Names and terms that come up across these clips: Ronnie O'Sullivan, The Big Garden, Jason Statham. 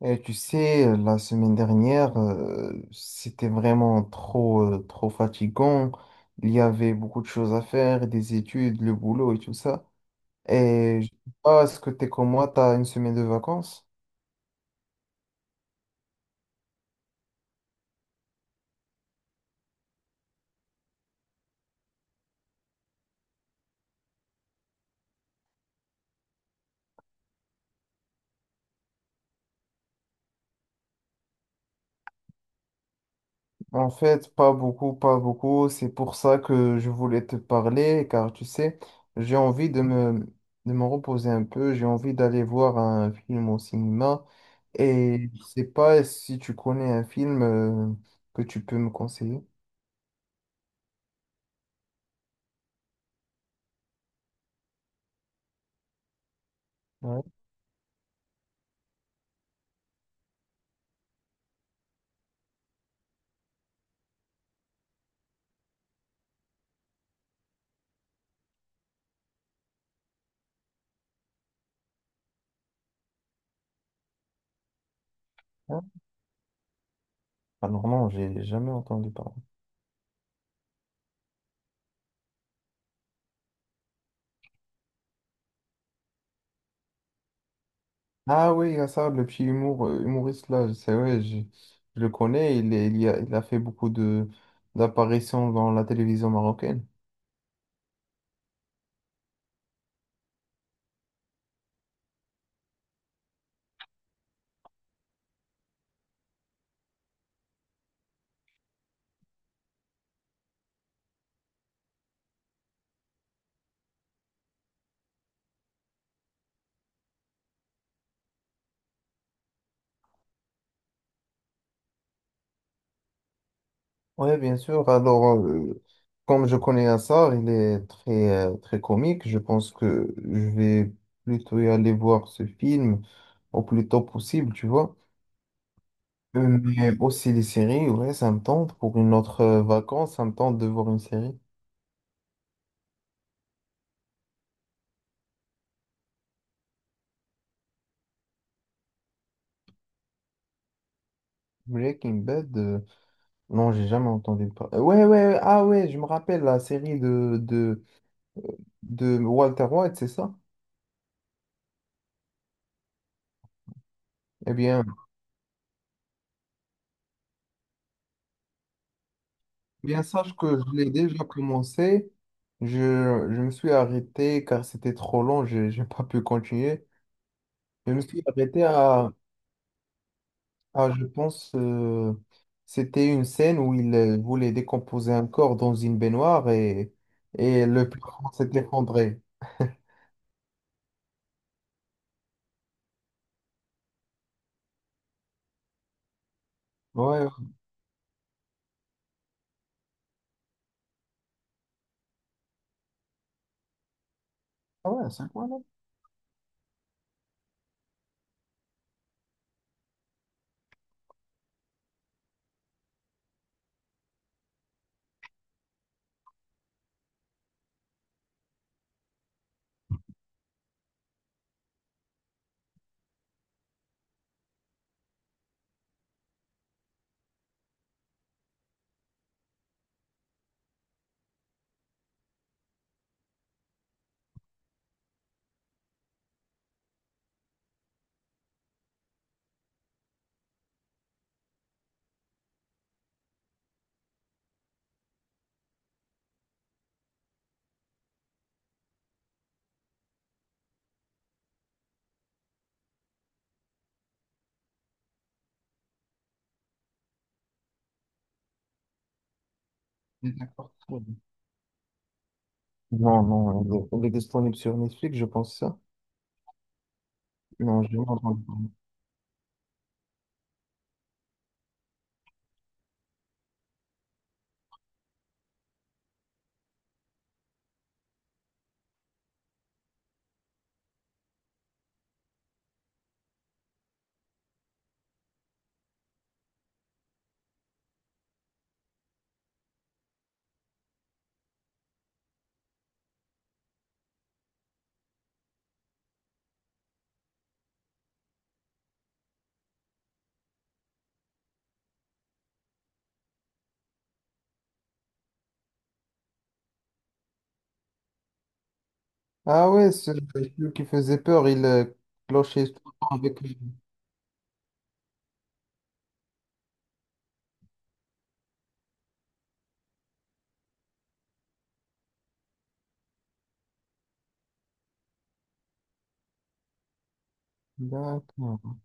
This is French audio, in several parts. Et tu sais, la semaine dernière, c'était vraiment trop, trop fatigant. Il y avait beaucoup de choses à faire, des études, le boulot et tout ça. Et je sais pas, est-ce que t'es comme moi, t'as une semaine de vacances? En fait, pas beaucoup, pas beaucoup. C'est pour ça que je voulais te parler, car tu sais, j'ai envie de me reposer un peu. J'ai envie d'aller voir un film au cinéma. Et je sais pas si tu connais un film, que tu peux me conseiller. Ouais. Hein. Alors non, j'ai jamais entendu parler. Ah oui, il y a ça, le petit humour, humoriste là, c'est vrai, je le connais, il, est- il, y a, il a fait beaucoup de d'apparitions dans la télévision marocaine. Oui, bien sûr. Alors, comme je connais Assar, il est très comique. Je pense que je vais plutôt y aller voir ce film au plus tôt possible, tu vois. Mais aussi les séries, ouais, ça me tente. Pour une autre vacance, ça me tente de voir une série. Breaking Bad. Non, j'ai jamais entendu parler. Ouais, ouais, ouais, ah ouais, je me rappelle la série de Walter White, c'est ça? Eh bien, eh bien sache que je l'ai déjà commencé. Je, je me suis arrêté car c'était trop long, je n'ai pas pu continuer. Je me suis arrêté à, À, je pense, c'était une scène où il voulait décomposer un corps dans une baignoire et le plafond s'est effondré. Ouais, ouais, ah ouais, c'est quoi là? D'accord. Non, non, il est disponible sur Netflix, je pense ça. Non, je n'ai pas entendu. Ah ouais, c'est celui qui faisait peur, il clochait tout le temps avec lui. D'accord.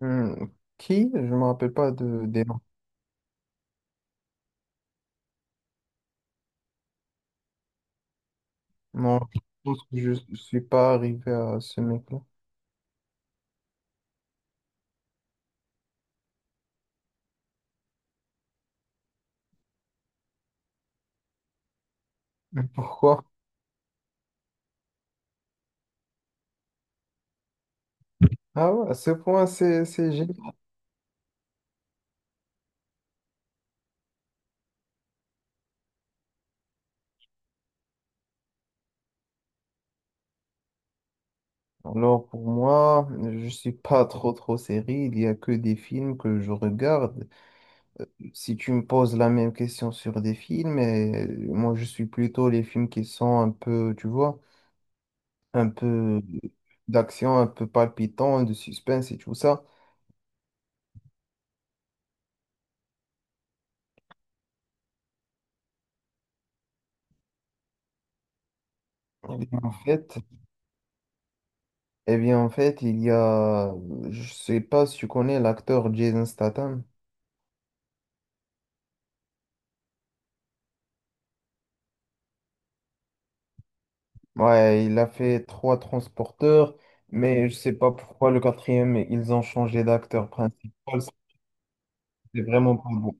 Hmm. Qui? Je me rappelle pas des noms. Non, je pense que je ne suis pas arrivé à ce mec-là. Mais pourquoi? Ah ouais, à ce point, c'est génial. Alors pour moi, je suis pas trop trop série, il y a que des films que je regarde. Si tu me poses la même question sur des films, et moi je suis plutôt les films qui sont un peu, tu vois, un peu d'action, un peu palpitant, de suspense et tout ça. Eh bien, en fait, eh bien, en fait, il y a, je sais pas si tu connais l'acteur Jason Statham. Ouais, il a fait trois transporteurs, mais je sais pas pourquoi le quatrième, ils ont changé d'acteur principal. C'était vraiment pas bon.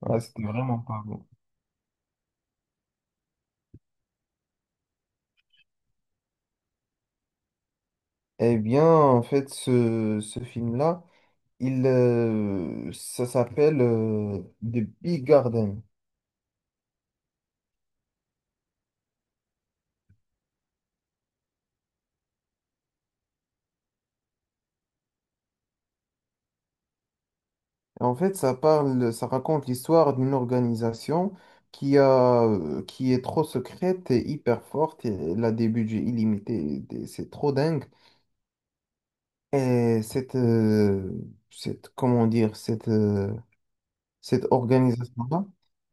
Ouais, c'était vraiment pas bon. Eh bien, en fait, ce film-là. Ça s'appelle The Big Garden. En fait, ça raconte l'histoire d'une organisation qui a, qui est trop secrète et hyper forte. Et elle a des budgets illimités. C'est trop dingue. Et cette, cette, comment dire, cette, Cette organisation-là,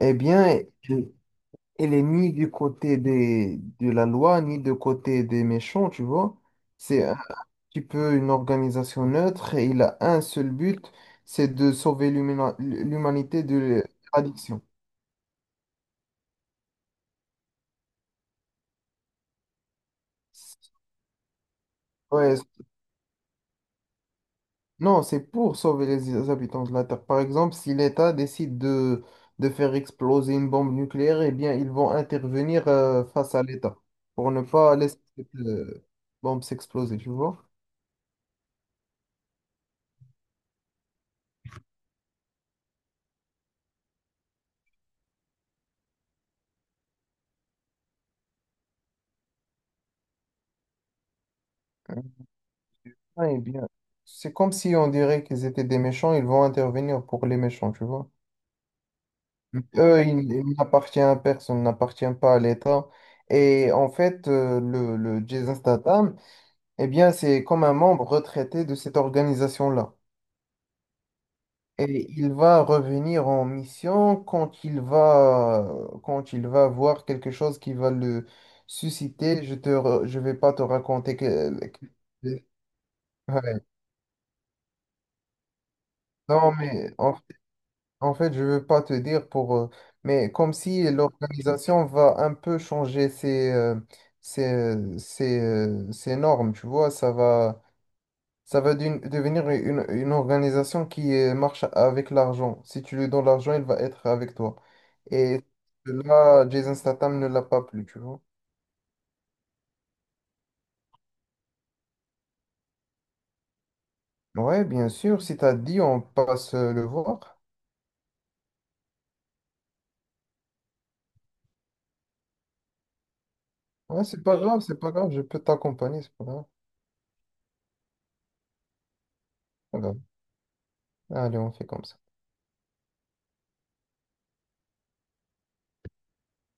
eh bien, elle, elle est ni du côté des, de la loi, ni du côté des méchants, tu vois. C'est petit peu une organisation neutre et il a un seul but, c'est de sauver l'humanité de l'addiction. Ouais, c- non, c'est pour sauver les habitants de la Terre. Par exemple, si l'État décide de faire exploser une bombe nucléaire, eh bien, ils vont intervenir face à l'État pour ne pas laisser cette bombe s'exploser, tu vois? Ouais, eh bien, c'est comme si on dirait qu'ils étaient des méchants, ils vont intervenir pour les méchants, tu vois? Eux, ils n'appartiennent à personne, n'appartiennent pas à l'État. Et en fait, le Jason Statham, eh bien, c'est comme un membre retraité de cette organisation-là. Et il va revenir en mission quand il va voir quelque chose qui va le susciter. Je vais pas te raconter que... que... Ouais. Non, mais en... En fait, je veux pas te dire pour... euh... Mais comme si l'organisation va un peu changer ses normes, tu vois, ça va devenir une organisation qui marche avec l'argent. Si tu lui donnes l'argent, il va être avec toi. Et là, Jason Statham ne l'a pas plus, tu vois. Ouais, bien sûr, si t'as dit, on passe le voir. Ouais, c'est pas grave, je peux t'accompagner, c'est pas grave. Pas grave. Allez, on fait comme ça.